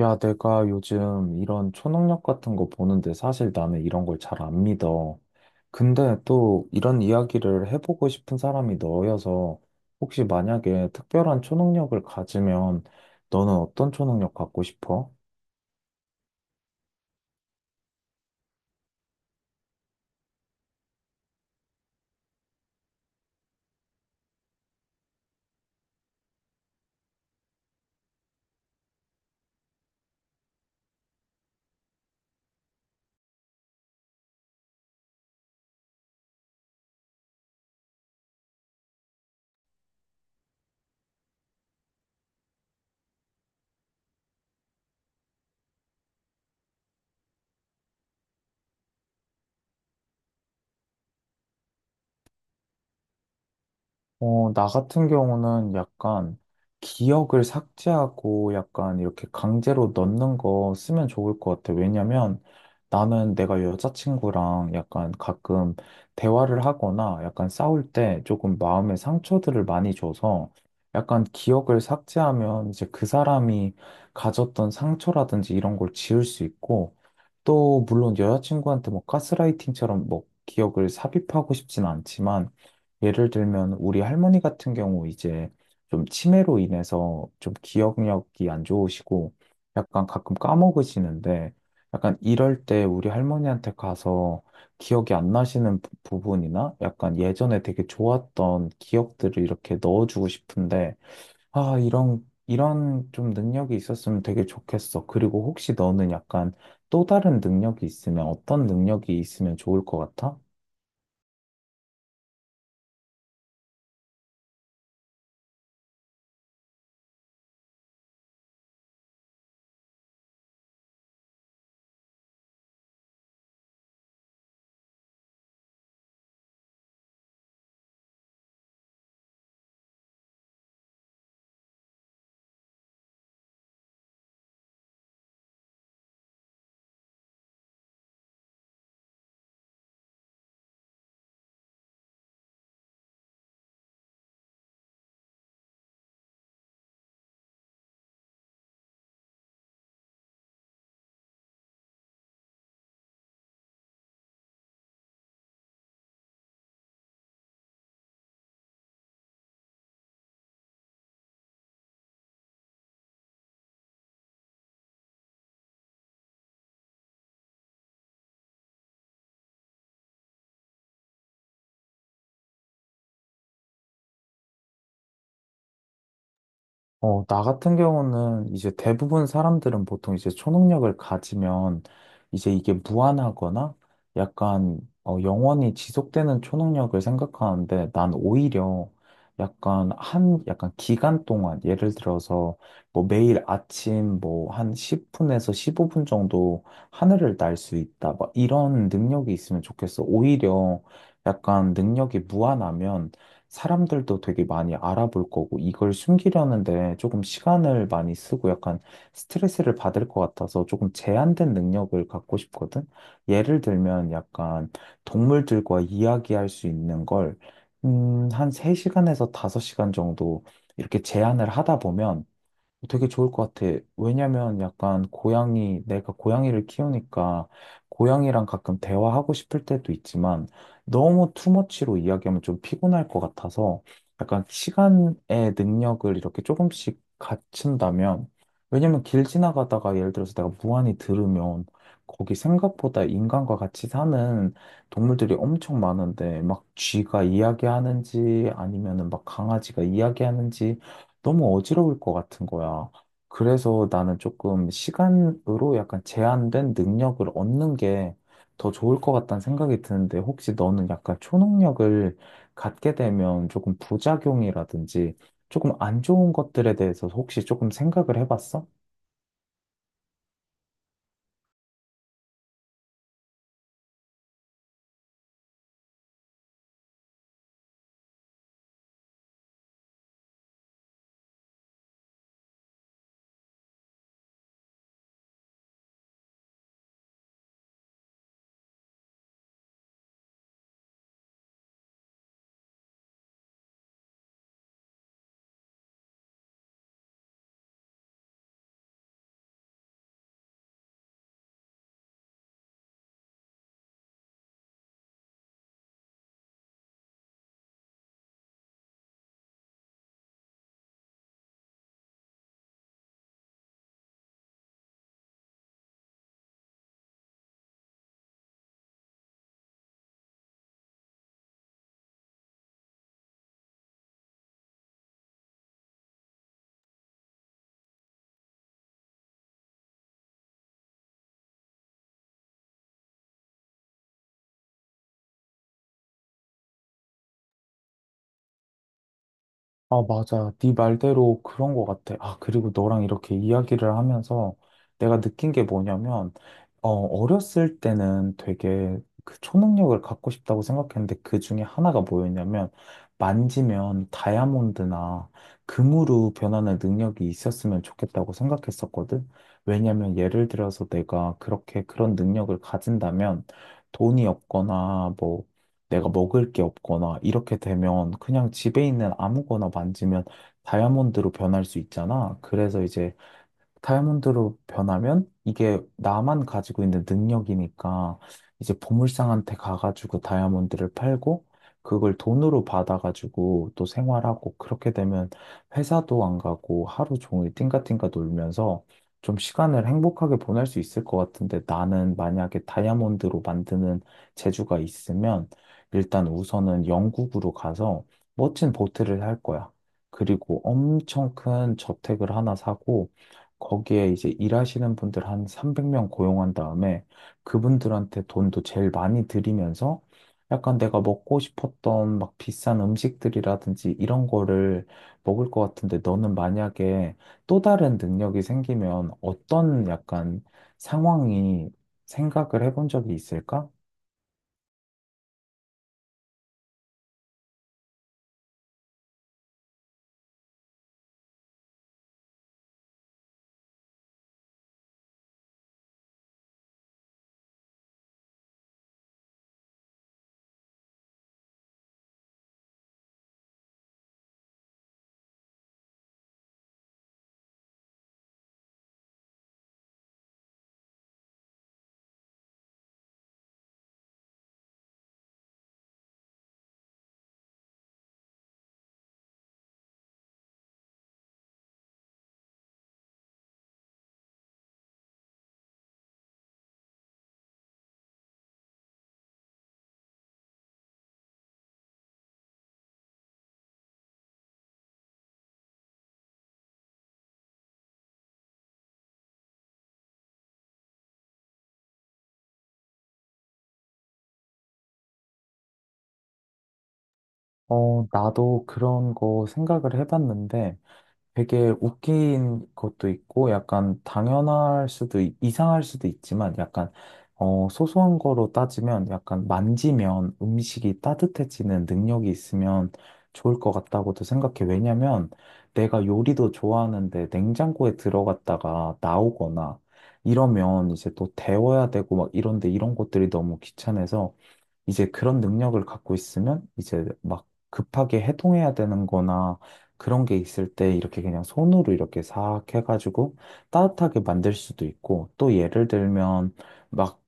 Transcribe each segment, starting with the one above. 야, 내가 요즘 이런 초능력 같은 거 보는데 사실 나는 이런 걸 잘 안 믿어. 근데 또 이런 이야기를 해보고 싶은 사람이 너여서 혹시 만약에 특별한 초능력을 가지면 너는 어떤 초능력 갖고 싶어? 나 같은 경우는 약간 기억을 삭제하고 약간 이렇게 강제로 넣는 거 쓰면 좋을 것 같아. 왜냐면 나는 내가 여자친구랑 약간 가끔 대화를 하거나 약간 싸울 때 조금 마음의 상처들을 많이 줘서, 약간 기억을 삭제하면 이제 그 사람이 가졌던 상처라든지 이런 걸 지울 수 있고, 또 물론 여자친구한테 뭐 가스라이팅처럼 뭐 기억을 삽입하고 싶진 않지만, 예를 들면 우리 할머니 같은 경우 이제 좀 치매로 인해서 좀 기억력이 안 좋으시고 약간 가끔 까먹으시는데, 약간 이럴 때 우리 할머니한테 가서 기억이 안 나시는 부분이나 약간 예전에 되게 좋았던 기억들을 이렇게 넣어주고 싶은데, 아, 이런 좀 능력이 있었으면 되게 좋겠어. 그리고 혹시 너는 약간 또 다른 능력이 있으면 어떤 능력이 있으면 좋을 것 같아? 나 같은 경우는 이제 대부분 사람들은 보통 이제 초능력을 가지면 이제 이게 무한하거나 약간 영원히 지속되는 초능력을 생각하는데, 난 오히려 약간 약간 기간 동안, 예를 들어서 뭐 매일 아침 뭐 한 10분에서 15분 정도 하늘을 날 수 있다, 막 이런 능력이 있으면 좋겠어. 오히려 약간 능력이 무한하면 사람들도 되게 많이 알아볼 거고 이걸 숨기려는데 조금 시간을 많이 쓰고 약간 스트레스를 받을 것 같아서, 조금 제한된 능력을 갖고 싶거든. 예를 들면 약간 동물들과 이야기할 수 있는 걸 한 3시간에서 5시간 정도 이렇게 제한을 하다 보면 되게 좋을 것 같아. 왜냐면 약간 고양이, 내가 고양이를 키우니까 고양이랑 가끔 대화하고 싶을 때도 있지만 너무 투머치로 이야기하면 좀 피곤할 것 같아서, 약간 시간의 능력을 이렇게 조금씩 갖춘다면, 왜냐면 길 지나가다가 예를 들어서 내가 무한히 들으면 거기 생각보다 인간과 같이 사는 동물들이 엄청 많은데 막 쥐가 이야기하는지 아니면은 막 강아지가 이야기하는지 너무 어지러울 것 같은 거야. 그래서 나는 조금 시간으로 약간 제한된 능력을 얻는 게 더 좋을 것 같다는 생각이 드는데, 혹시 너는 약간 초능력을 갖게 되면 조금 부작용이라든지 조금 안 좋은 것들에 대해서 혹시 조금 생각을 해봤어? 아, 맞아. 네 말대로 그런 것 같아. 아, 그리고 너랑 이렇게 이야기를 하면서 내가 느낀 게 뭐냐면, 어렸을 때는 되게 그 초능력을 갖고 싶다고 생각했는데, 그 중에 하나가 뭐였냐면, 만지면 다이아몬드나 금으로 변하는 능력이 있었으면 좋겠다고 생각했었거든. 왜냐면 예를 들어서 내가 그렇게 그런 능력을 가진다면, 돈이 없거나 뭐 내가 먹을 게 없거나 이렇게 되면 그냥 집에 있는 아무거나 만지면 다이아몬드로 변할 수 있잖아. 그래서 이제 다이아몬드로 변하면 이게 나만 가지고 있는 능력이니까, 이제 보물상한테 가가지고 다이아몬드를 팔고 그걸 돈으로 받아가지고 또 생활하고, 그렇게 되면 회사도 안 가고 하루 종일 띵가띵가 놀면서 좀 시간을 행복하게 보낼 수 있을 것 같은데, 나는 만약에 다이아몬드로 만드는 재주가 있으면 일단 우선은 영국으로 가서 멋진 보트를 살 거야. 그리고 엄청 큰 저택을 하나 사고, 거기에 이제 일하시는 분들 한 300명 고용한 다음에 그분들한테 돈도 제일 많이 드리면서, 약간 내가 먹고 싶었던 막 비싼 음식들이라든지 이런 거를 먹을 것 같은데, 너는 만약에 또 다른 능력이 생기면 어떤 약간 상황이 생각을 해본 적이 있을까? 나도 그런 거 생각을 해봤는데, 되게 웃긴 것도 있고 약간 당연할 수도 이상할 수도 있지만, 약간 소소한 거로 따지면 약간 만지면 음식이 따뜻해지는 능력이 있으면 좋을 것 같다고도 생각해. 왜냐면 내가 요리도 좋아하는데 냉장고에 들어갔다가 나오거나 이러면 이제 또 데워야 되고 막 이런데, 이런 것들이 너무 귀찮아서 이제 그런 능력을 갖고 있으면, 이제 막 급하게 해동해야 되는 거나 그런 게 있을 때 이렇게 그냥 손으로 이렇게 싹 해가지고 따뜻하게 만들 수도 있고, 또 예를 들면 막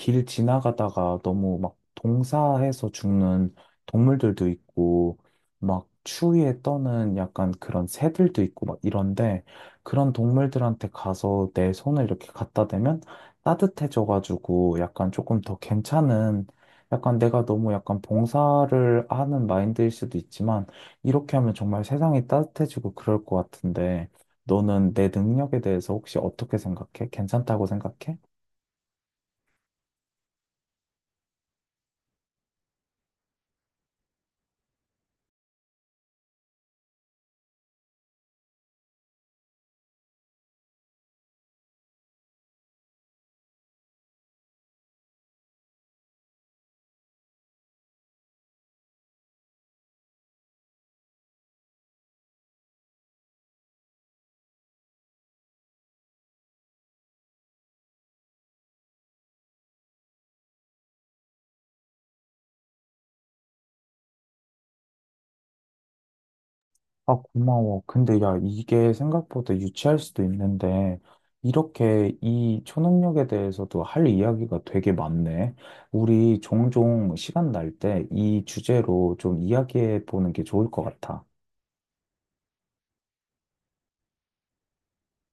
길 지나가다가 너무 막 동사해서 죽는 동물들도 있고 막 추위에 떠는 약간 그런 새들도 있고 막 이런데, 그런 동물들한테 가서 내 손을 이렇게 갖다 대면 따뜻해져가지고 약간 조금 더 괜찮은, 약간 내가 너무 약간 봉사를 하는 마인드일 수도 있지만, 이렇게 하면 정말 세상이 따뜻해지고 그럴 것 같은데, 너는 내 능력에 대해서 혹시 어떻게 생각해? 괜찮다고 생각해? 아, 고마워. 근데 야, 이게 생각보다 유치할 수도 있는데, 이렇게 이 초능력에 대해서도 할 이야기가 되게 많네. 우리 종종 시간 날 때 이 주제로 좀 이야기해 보는 게 좋을 것 같아.